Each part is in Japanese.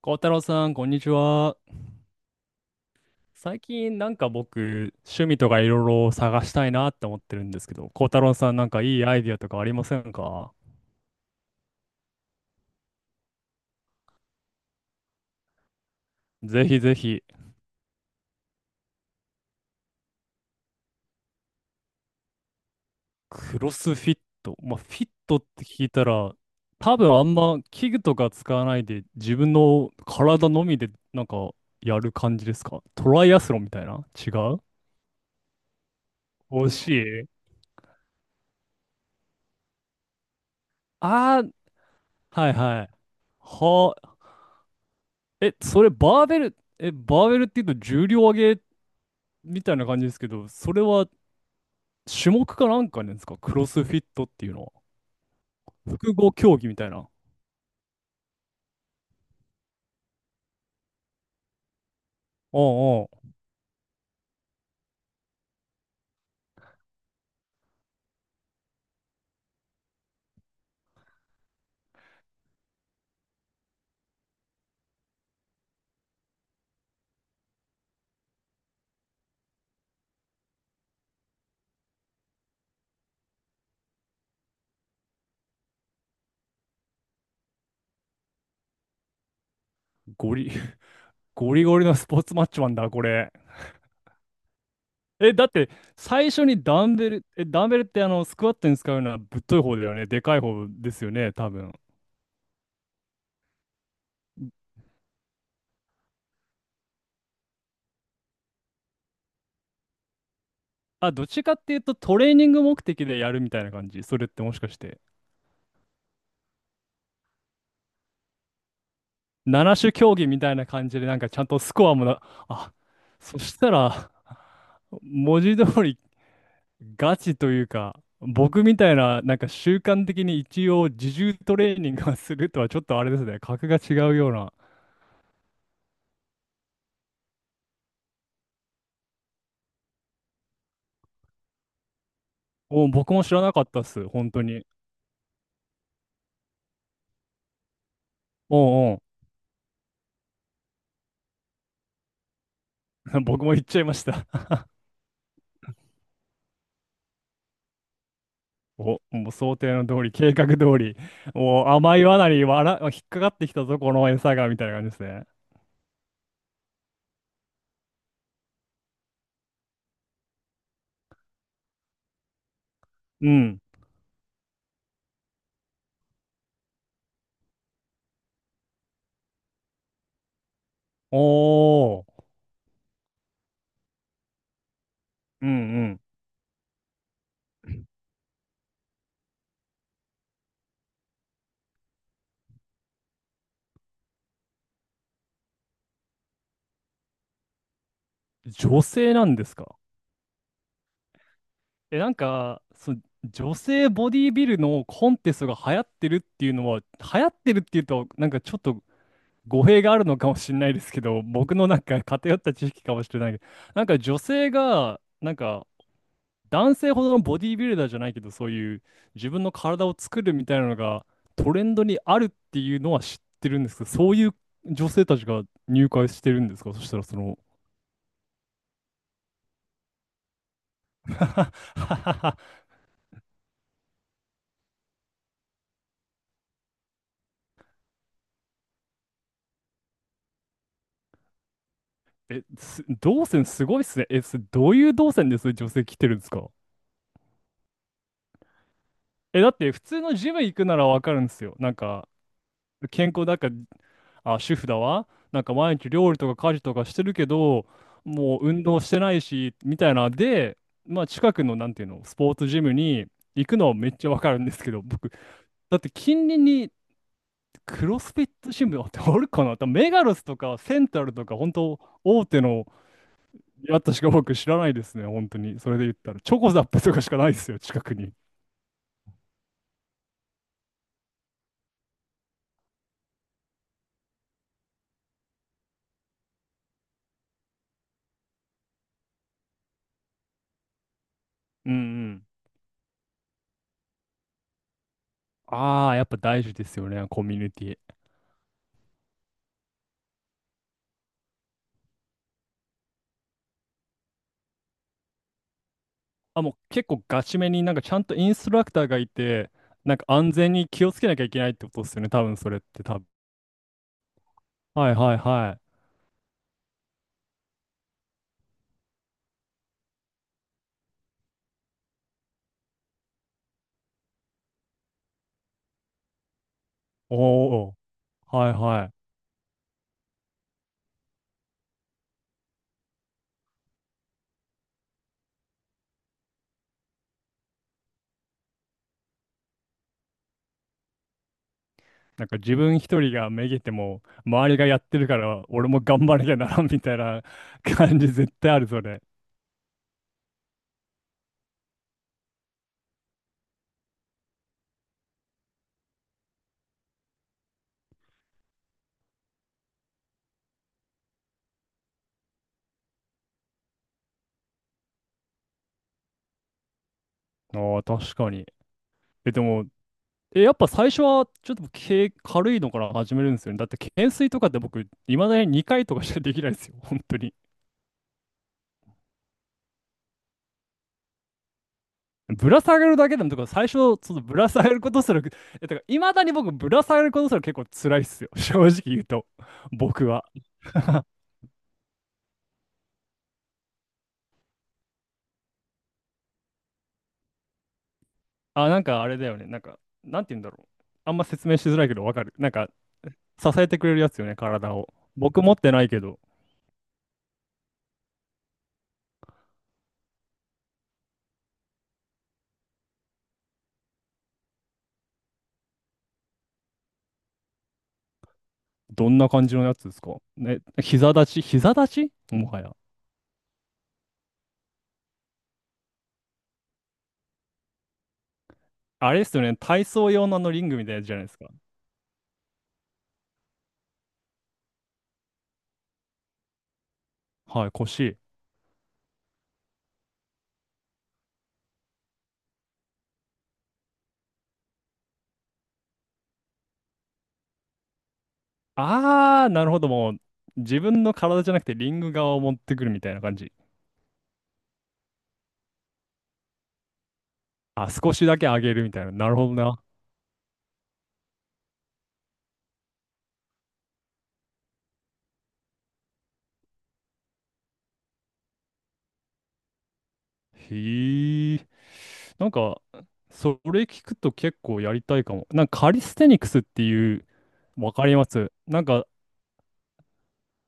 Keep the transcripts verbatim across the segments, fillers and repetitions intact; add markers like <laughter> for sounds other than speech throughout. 孝太郎さん、こんにちは。最近なんか僕、趣味とかいろいろ探したいなって思ってるんですけど、孝太郎さん、なんかいいアイディアとかありませんか？ぜひぜひ。クロスフィット。まあ、フィットって聞いたら、多分あんま器具とか使わないで、自分の体のみでなんかやる感じですか？トライアスロンみたいな？違う？惜しい？あー、はいはい。はあ、え、それバーベル、え、バーベルって言うと重量上げみたいな感じですけど、それは種目かなんかなんですか、クロスフィットっていうのは。複合競技みたいな。お、うんうん。ゴリ、<laughs> ゴリゴリのスポーツマッチマンだ、これ。え、だって、最初にダンベル、え、ダンベルって、あの、スクワットに使うのはぶっとい方だよね。でかい方ですよね、多分。あ、どっちかっていうとトレーニング目的でやるみたいな感じ。それってもしかして。なな種競技みたいな感じで、なんかちゃんとスコアもな、あ、そしたら、文字通りガチというか、僕みたいな、なんか習慣的に一応自重トレーニングをするとはちょっとあれですね、格が違うような。お、僕も知らなかったっす、本当に。おうおう、<laughs> 僕も言っちゃいました。<laughs> お、もう想定の通り、計画通り、お、甘い罠にわら、引っかかってきたぞ、この餌が、みたいな感じですね。うん。おー、うんうん。女性なんですか？え、なんか、そ、女性ボディビルのコンテストが流行ってるっていうのは、流行ってるっていうと、なんかちょっと語弊があるのかもしれないですけど、僕のなんか偏った知識かもしれないけど、なんか女性が、なんか男性ほどのボディビルダーじゃないけど、そういう自分の体を作るみたいなのがトレンドにあるっていうのは知ってるんですけど、そういう女性たちが入会してるんですか、そしたらその。 <laughs> え、す、動線すごいっすね。え、すどういう動線です？女性来てるんですか？え、だって普通のジム行くならわかるんですよ。なんか、健康だから、あ、主婦だわ。なんか毎日料理とか家事とかしてるけど、もう運動してないし、みたいな。で、まあ近くの、なんていうの、スポーツジムに行くのはめっちゃわかるんですけど、僕、だって近隣にクロスフィットジムあって、あるかな？多メガロスとかセントラルとか、本当大手の出会ったしか僕知らないですね、本当に。それで言ったら。チョコザップとかしかないですよ、近くに。うんうん。ああ、やっぱ大事ですよね、コミュニティ。あ、もう結構ガチめになんかちゃんとインストラクターがいて、なんか安全に気をつけなきゃいけないってことですよね、多分それって多分。はいはいはい。おお、はいはい。なんか自分一人がめげても、周りがやってるから俺も頑張らなきゃならんみたいな。 <laughs> 感じ絶対ある、それ。ああ、確かに。え、でも、え、やっぱ最初はちょっと軽、軽いのから始めるんですよね。だって懸垂とかって僕、いまだににかいとかしかできないですよ。<laughs> 本当に。ぶら下がるだけでも、とか最初、そのぶら下がることすら、え、だからいまだに僕、ぶら下がることすら結構辛いっすよ。<laughs> 正直言うと。僕は。<laughs> あ、なんかあれだよね。なんか、なんて言うんだろう。あんま説明しづらいけどわかる。なんか、支えてくれるやつよね、体を。僕持ってないけど、どんな感じのやつですかね、膝立ち、膝立ちもはや。あれですよね、体操用のあのリングみたいなやつじゃないですか。はい、腰。あー、なるほど。もう、自分の体じゃなくてリング側を持ってくるみたいな感じ。あ、少しだけ上げるみたいな。なるほどな。へー。なんか、それ聞くと結構やりたいかも。なんかカリステニクスっていう、わかります。なんか、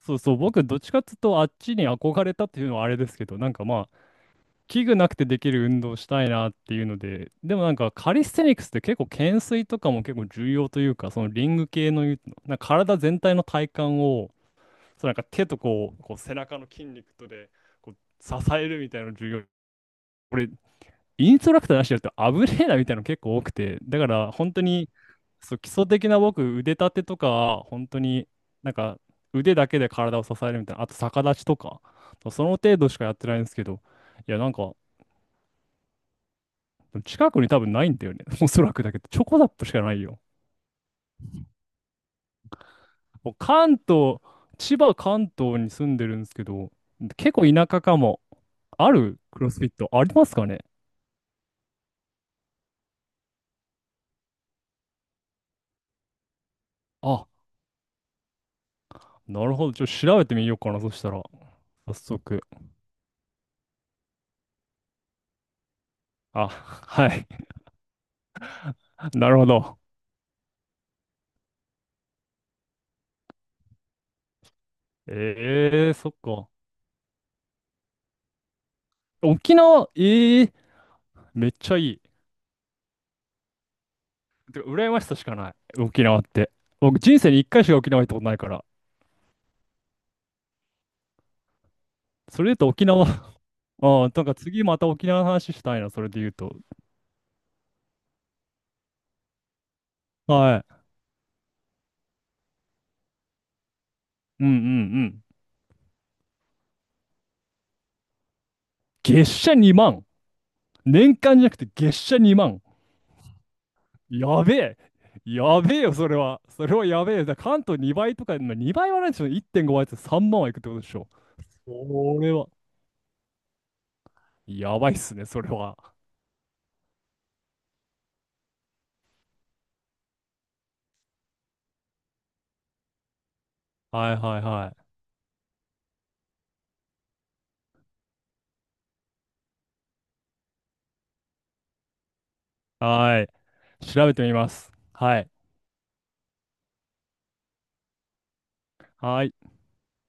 そうそう、僕、どっちかっていうと、あっちに憧れたっていうのはあれですけど、なんかまあ、器具なくてできる運動したいなっていうので、でもなんかカリステニクスって結構懸垂とかも結構重要というか、そのリング系のいう、なんか体全体の体幹を、そうなんか手とこう、こう背中の筋肉とでこう支えるみたいなの重要。これ、インストラクターなしでやると危ねえなみたいなの結構多くて、だから本当に、そう、基礎的な僕、腕立てとか、本当になんか腕だけで体を支えるみたいな、あと逆立ちとか、その程度しかやってないんですけど、いや、なんか、近くに多分ないんだよね。<laughs> おそらくだけど、チョコザップしかないよ。もう関東、千葉、関東に住んでるんですけど、結構田舎かも。あるクロスフィットありますかね？あ、なるほど。ちょっと調べてみようかな。そしたら、早速。あ、はい。<laughs> なるほど。えー、そっか。沖縄、えー、めっちゃいい。てか羨ましさしかない。沖縄って。僕、人生に一回しか沖縄行ったことないから。それで言うと沖縄、<laughs> あー、なんか次また沖縄の話したいな。それで言うと。はい。うんうんうん。月謝にまん。年間じゃなくて月謝にまん。やべえ。やべえよ、それは。それはやべえ。だから関東にばいとか、まあ、にばいはないでしょ。いってんごばいってさんまんはいくってことでしょ。それは。やばいっすね、それは。はいはいはい。はい。調べてみます。はい。はい。